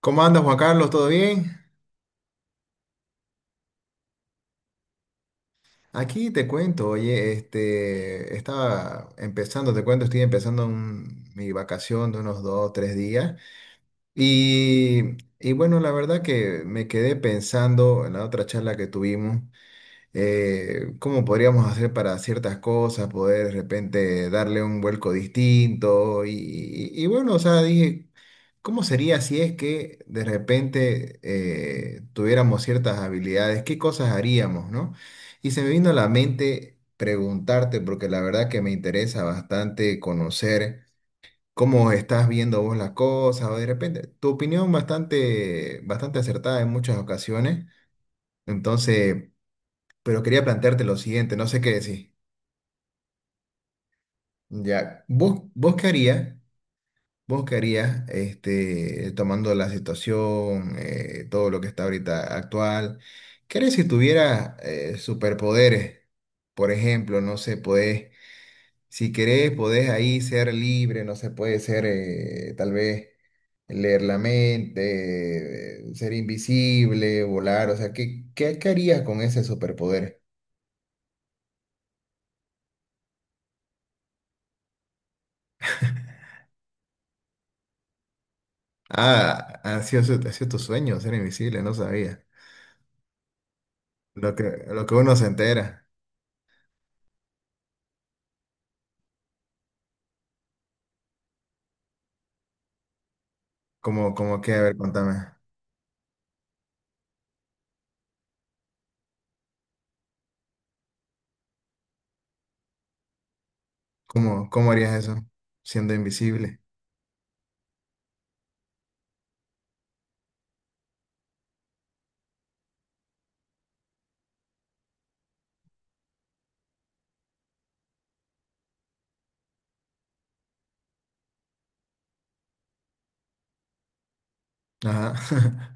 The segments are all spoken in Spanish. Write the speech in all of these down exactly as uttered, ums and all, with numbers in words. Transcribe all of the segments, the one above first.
¿Cómo andas, Juan Carlos? ¿Todo bien? Aquí te cuento, oye, este, estaba empezando, te cuento, estoy empezando un- mi vacación de unos dos, tres días. Y, y bueno, la verdad que me quedé pensando en la otra charla que tuvimos eh, cómo podríamos hacer para ciertas cosas, poder de repente darle un vuelco distinto. Y, y- y bueno, o sea, dije, ¿cómo sería si es que de repente eh, tuviéramos ciertas habilidades? ¿Qué cosas haríamos, no? Y se me vino a la mente preguntarte, porque la verdad que me interesa bastante conocer. ¿Cómo estás viendo vos las cosas? O de repente, tu opinión bastante, bastante acertada en muchas ocasiones. Entonces, pero quería plantearte lo siguiente, no sé qué decir. Ya, ¿vos, vos qué harías? ¿Vos qué harías, este, tomando la situación, eh, todo lo que está ahorita actual? ¿Qué harías si tuvieras eh, superpoderes? Por ejemplo, no sé, podés, si querés, podés ahí ser libre, no sé, puede ser eh, tal vez leer la mente, eh, ser invisible, volar, o sea, ¿qué, qué, qué harías con ese superpoder? Ah, ha sido, su- ha sido tu sueño ser invisible, no sabía. Lo que, lo que uno se entera. Como, como que, a ver, contame. ¿Cómo, cómo harías eso? Siendo invisible. Ajá.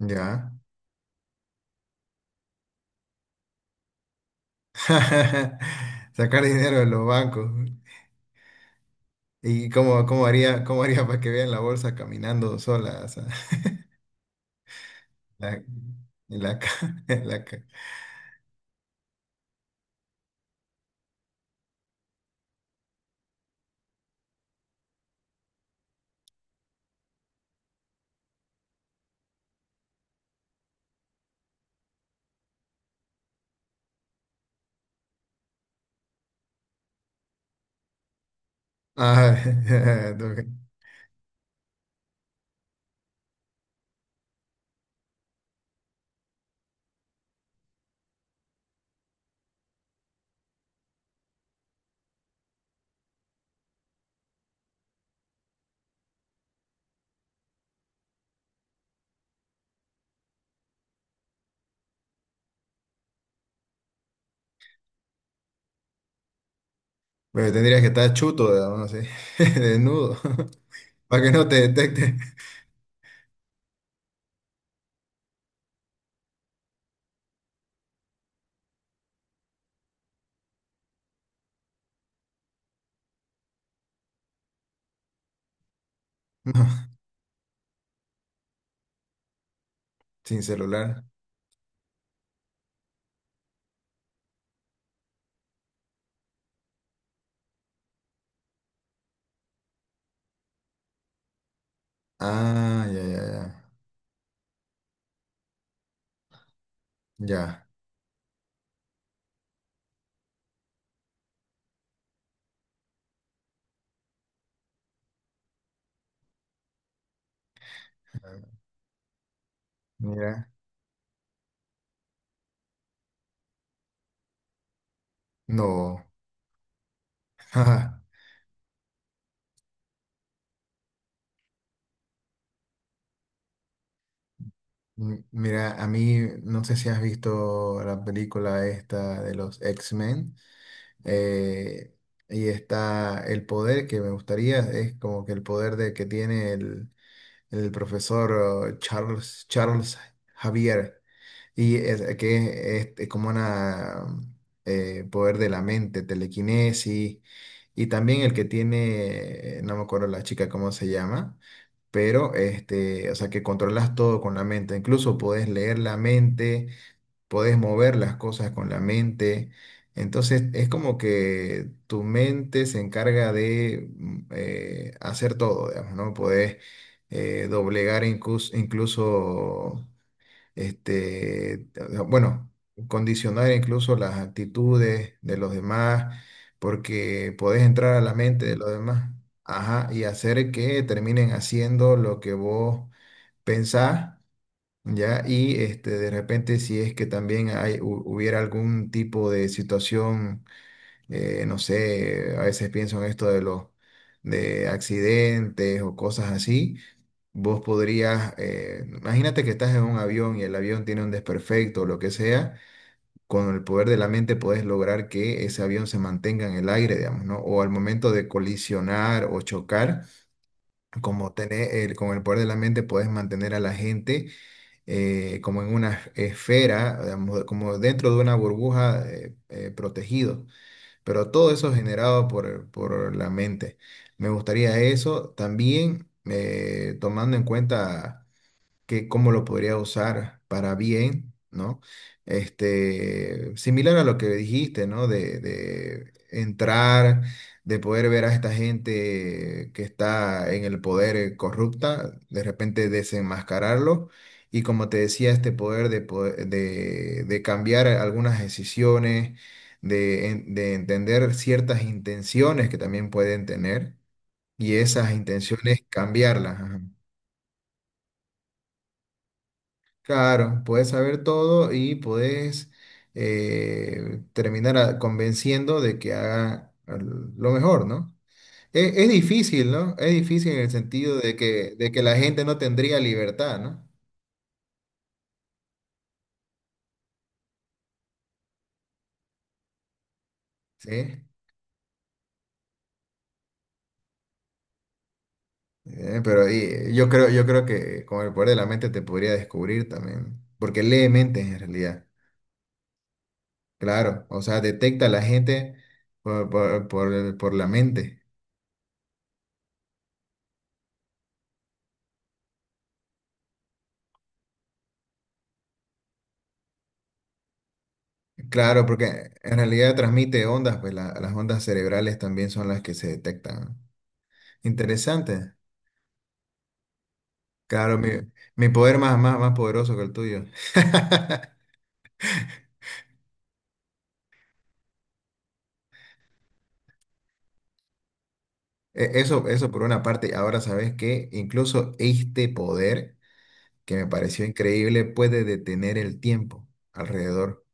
Ya. Sacar dinero de los bancos. ¿Y cómo, cómo haría, cómo haría para que vean la bolsa caminando sola? O sea. la, en la, ca- en la ca- Ah, ok. Pero tendrías que estar chuto, digamos, no sé, desnudo, para que no te detecte. Sin celular. Ah, ya, ya, ya. Ya. Ah, mira. No. M- Mira, a mí no sé si has visto la película esta de los X-Men. eh, y está el poder que me gustaría, es como que el poder de que tiene el, el profesor oh, Charles, Charles Javier. Y es, eh, que es, es- es como una eh, poder de la mente, telequinesis. Y también el que tiene, eh, no me acuerdo la chica cómo se llama, pero este, o sea que controlas todo con la mente. Incluso podés leer la mente, podés mover las cosas con la mente. Entonces es como que tu mente se encarga de mm, eh, hacer todo, digamos, ¿no? Podés eh, doblegar incluso, incluso este, bueno, condicionar incluso las actitudes de los demás, porque podés entrar a la mente de los demás, ajá, y hacer que terminen haciendo lo que vos pensás. ¿Ya? Y este, de repente si es que también hay, hu- hubiera algún tipo de situación, eh, no sé, a veces pienso en esto de los de accidentes o cosas así, vos podrías, eh, imagínate que estás en un avión y el avión tiene un desperfecto o lo que sea, con el poder de la mente puedes lograr que ese avión se mantenga en el aire, digamos, ¿no? O al momento de colisionar o chocar, como tener el, con el poder de la mente puedes mantener a la gente eh, como en una esfera, digamos, como dentro de una burbuja eh, eh, protegido, pero todo eso generado por, por la mente. Me gustaría eso también eh, tomando en cuenta que cómo lo podría usar para bien, ¿no? Este, similar a lo que dijiste, ¿no? De, de entrar, de poder ver a esta gente que está en el poder eh, corrupta, de repente desenmascararlo. Y como te decía, este poder de, po- de, de cambiar algunas decisiones, de, en- de entender ciertas intenciones que también pueden tener y esas intenciones cambiarlas. Ajá. Claro, puedes saber todo y puedes eh, terminar a- convenciendo de que haga al- lo mejor, ¿no? Es, es difícil, ¿no? Es difícil en el sentido de que, de que la gente no tendría libertad, ¿no? Sí. Eh, pero ahí, yo creo, yo creo, que con el poder de la mente te podría descubrir también, porque lee mentes en realidad. Claro, o sea, detecta a la gente por, por, por, por la mente. Claro, porque en realidad transmite ondas, pues la- las ondas cerebrales también son las que se detectan, ¿no? Interesante. Claro, mi, mi poder más, más, más poderoso que el tuyo. E- Eso, eso por una parte. Ahora sabes que incluso este poder, que me pareció increíble, puede detener el tiempo alrededor.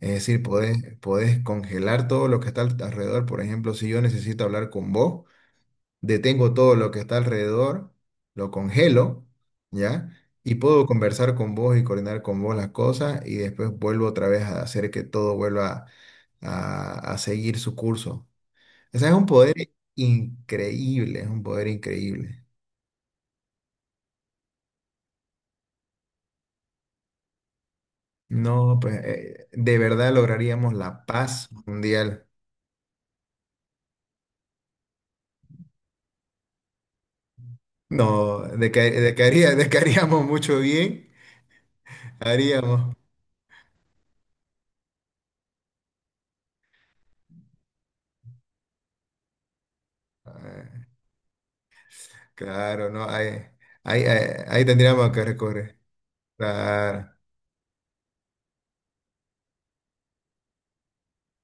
Es decir, podés, podés congelar todo lo que está al- alrededor. Por ejemplo, si yo necesito hablar con vos. Detengo todo lo que está alrededor, lo congelo, ¿ya? Y puedo conversar con vos y coordinar con vos las cosas y después vuelvo otra vez a hacer que todo vuelva a, a seguir su curso. O sea, es un poder increíble, es un poder increíble. No, pues eh, de verdad lograríamos la paz mundial. No, de que, de que haría- de que haríamos mucho bien, haríamos. Ah, claro, no, ahí, ahí, ahí ahí tendríamos que recorrer. Claro.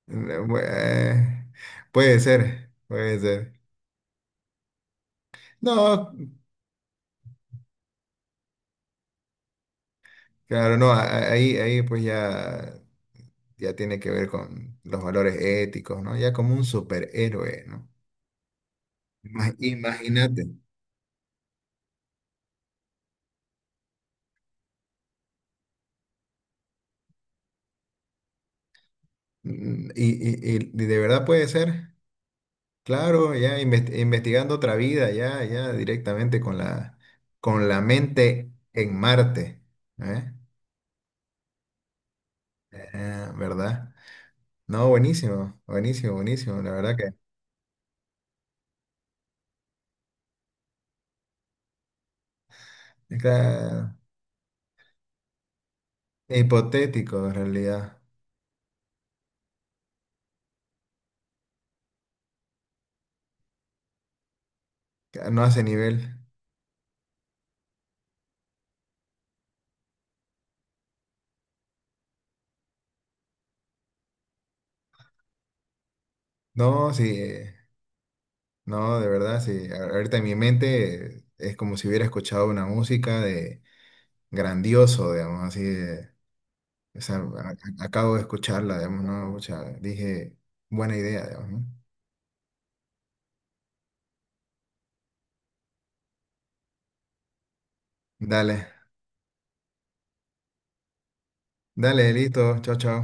Eh, Bu- Eh, puede ser, puede ser. No, claro, no, a- a- ahí, ahí pues ya, ya tiene que ver con los valores éticos, ¿no? Ya como un superhéroe, ¿no? Ima- Imagínate. Mm, Y, y- y- y de verdad puede ser, claro, ya inves- investigando otra vida, ya, ya directamente con la, con la mente en Marte, ¿eh? Eh, ¿verdad? No, buenísimo, buenísimo, buenísimo, la verdad acá, hipotético en realidad, no hace nivel. No, sí, no, de verdad, sí. A- Ahorita en mi mente es como si hubiera escuchado una música de grandioso, digamos, así de, o sea, a- a- acabo de escucharla, digamos, ¿no? Pucha, dije, buena idea, digamos, ¿no? Dale, dale, listo, chao, chao.